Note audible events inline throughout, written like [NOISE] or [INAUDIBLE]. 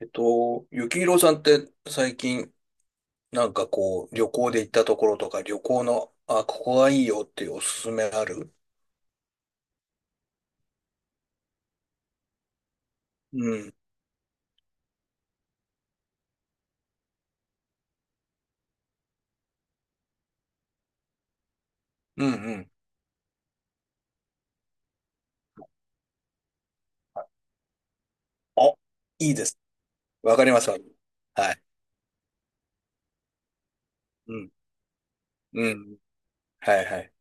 ゆきひろさんって最近なんかこう旅行で行ったところとか旅行の、あ、ここがいいよっていうおすすめある？うん。うんうん。あ、いいです。わかります。はい。うん。うん。はいはい。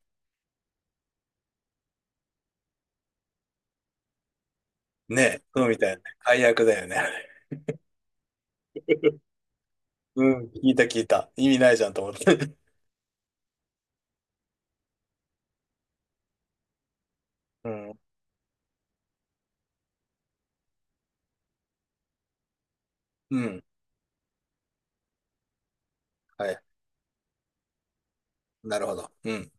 ねえ、そうみたいなね。解約だよね。うん。聞いた聞いた。意味ないじゃんと思って。うん。うん。はい。なるほど。うん。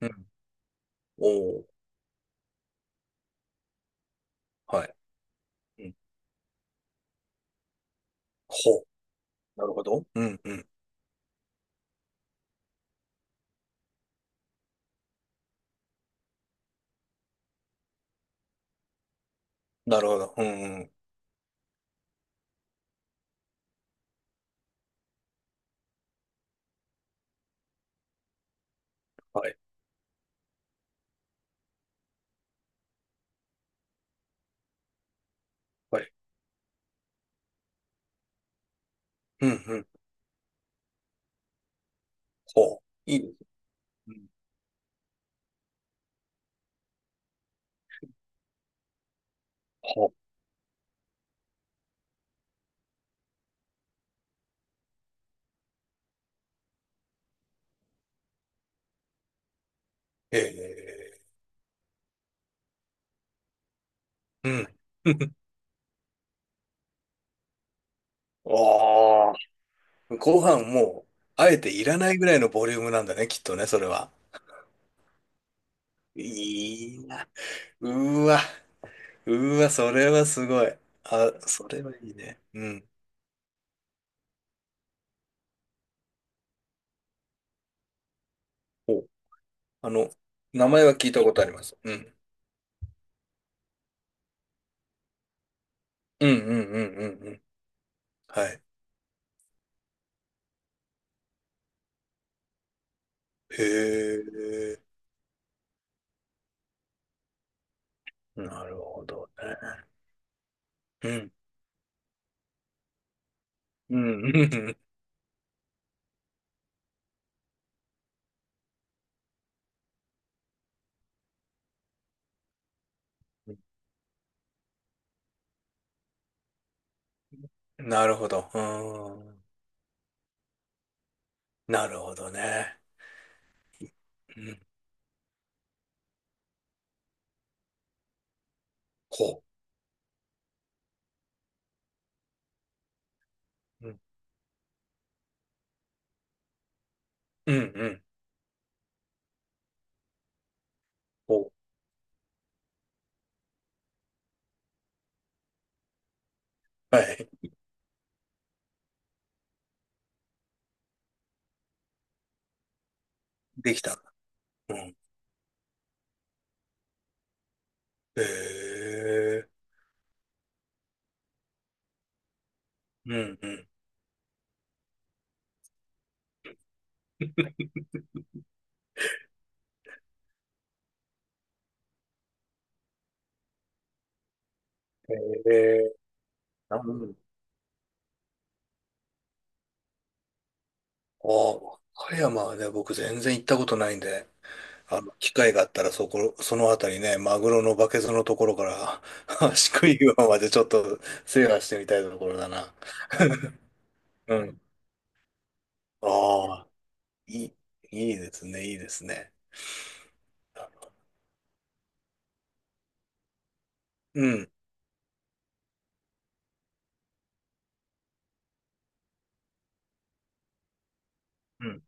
うん。おー。はい。うん。ほう。なるほど。うんうん。なるほど。うんうん。お、はい。はい。うんうん。ほう。いい。うん。はへえ。うん。[LAUGHS] ああ。ご飯も、あえていらないぐらいのボリュームなんだね、きっとね、それは。いいな。うーわ。うーわ、それはすごい。あ、それはいいね。うん。お、あの、名前は聞いたことあります。うん。うんうんうんうんうん。はい。へえ。なるほどね。うん。うんうんうん。[LAUGHS] なるほど。うーん。なるほどね。うん。ほう。うんうん。お、はい。できた。うん。へえ。うんうん。へえ。あ、うん。ああ、和歌山はね、僕全然行ったことないんで、機会があったらそのあたりね、マグロのバケツのところから、[LAUGHS] 宿喰岩までちょっと制覇してみたいところだな。うん。ああ、いい、いいですね、いいですね。うん。うん。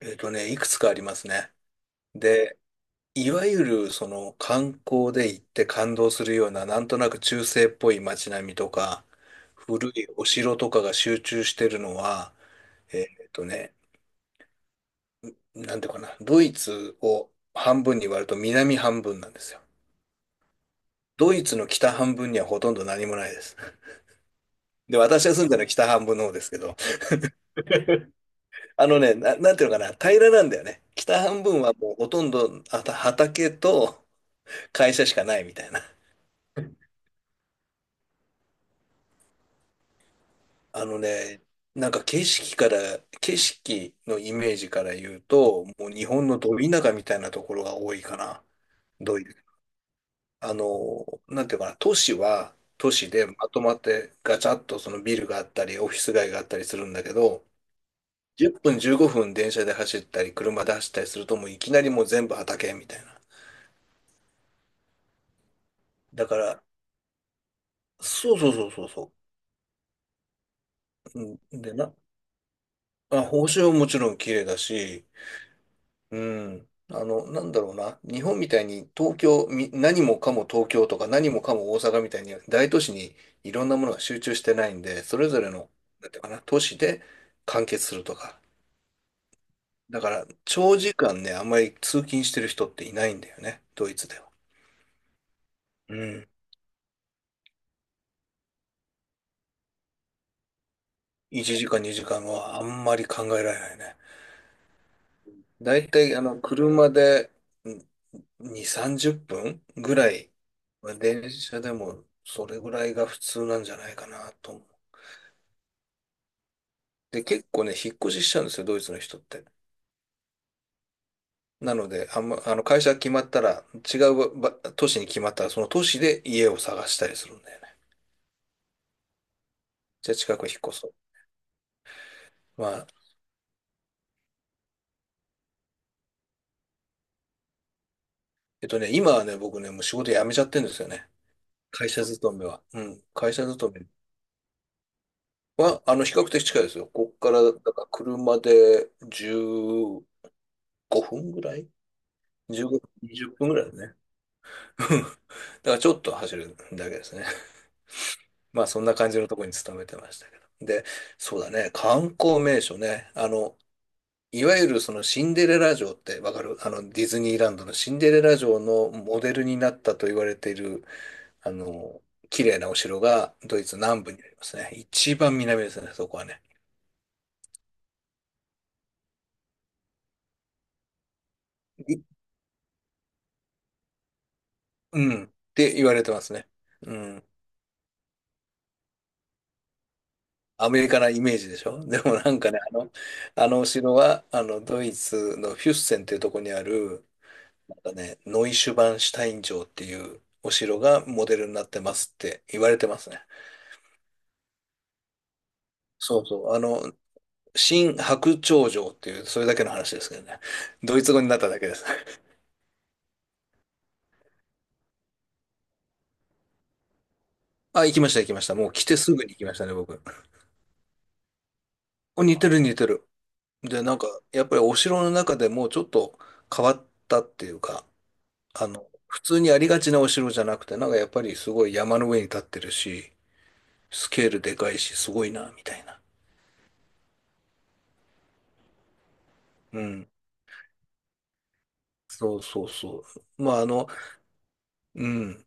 いくつかありますね。で、いわゆるその観光で行って感動するような、なんとなく中世っぽい街並みとか、古いお城とかが集中してるのは、えっとね、なんていうかな、ドイツを半分に割ると南半分なんですよ。ドイツの北半分にはほとんど何もないです。で、私が住んでるのは北半分の方ですけど、なんていうのかな、平らなんだよね。北半分はもうほとんど畑と会社しかないみたいな。あのね、なんか景色のイメージから言うと、もう日本のど田舎みたいなところが多いかな。どういう、あの、なんていうかな、都市は都市でまとまってガチャッとそのビルがあったり、オフィス街があったりするんだけど、10分15分電車で走ったり、車で走ったりするともういきなりもう全部畑みたいな。だから、そうそうそうそうそう。うんでな、まあ、報酬はもちろん綺麗だし、うん。なんだろうな。日本みたいに東京、み何もかも東京とか何もかも大阪みたいに大都市にいろんなものが集中してないんで、それぞれの、なんていうかな、都市で完結するとか。だから、長時間ね、あんまり通勤してる人っていないんだよね。ドイツでは。うん。1時間、2時間はあんまり考えられないね。だいたい、車でん2、30分ぐらい、まあ電車でもそれぐらいが普通なんじゃないかなと思う。で、結構ね、引っ越ししちゃうんですよ、ドイツの人って。なので、あんま、あの、会社が決まったら、違う都市に決まったら、その都市で家を探したりするんだよね。じゃあ近く引っ越そう。まあ、今はね、僕ね、もう仕事辞めちゃってるんですよね。会社勤めは。うん、会社勤めは、比較的近いですよ。こっから、だから車で15分ぐらい ?15 分、20分ぐらいだね。[LAUGHS] だからちょっと走るだけですね。まあそんな感じのところに勤めてましたけど。で、そうだね、観光名所ね。いわゆるそのシンデレラ城ってわかる？あのディズニーランドのシンデレラ城のモデルになったと言われている、あの、綺麗なお城がドイツ南部にありますね。一番南ですね、そこはね。いうん。って言われてますね。うん。アメリカなイメージでしょ？ [LAUGHS] でもなんかね、あのお城は、ドイツのフュッセンっていうところにある、だね、ノイシュバンシュタイン城っていうお城がモデルになってますって言われてますね。そうそう。新白鳥城っていう、それだけの話ですけどね。ドイツ語になっただけです。あ、行きました、行きました。もう来てすぐに行きましたね、僕。お、似てる、似てる。で、なんか、やっぱりお城の中でもうちょっと変わったっていうか、普通にありがちなお城じゃなくて、なんかやっぱりすごい山の上に立ってるし、スケールでかいし、すごいな、みたいな。うん。そうそうそう。まあ、うん、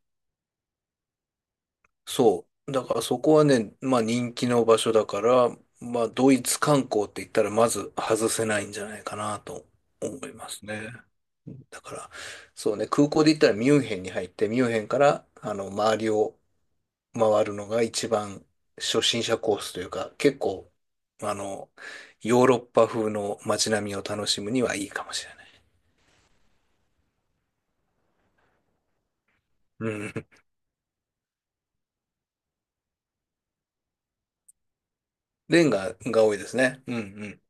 そう。だからそこはね、まあ人気の場所だから、まあドイツ観光って言ったらまず外せないんじゃないかなと思いますね。だから、そうね、空港で言ったらミュンヘンに入って、ミュンヘンからあの周りを回るのが一番初心者コースというか、結構、あの、ヨーロッパ風の街並みを楽しむにはいいかもしれない。うん。レンガが多いですね。うんうん。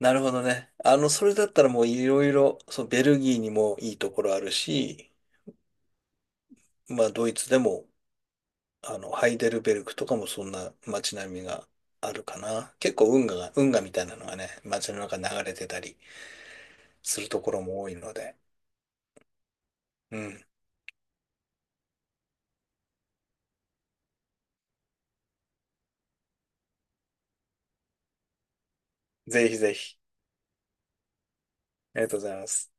なるほどね。それだったらもういろいろ、そうベルギーにもいいところあるし、まあドイツでも、ハイデルベルクとかもそんな街並みがあるかな。結構運河みたいなのがね、街の中に流れてたりするところも多いので、うん。ぜひぜひ。ありがとうございます。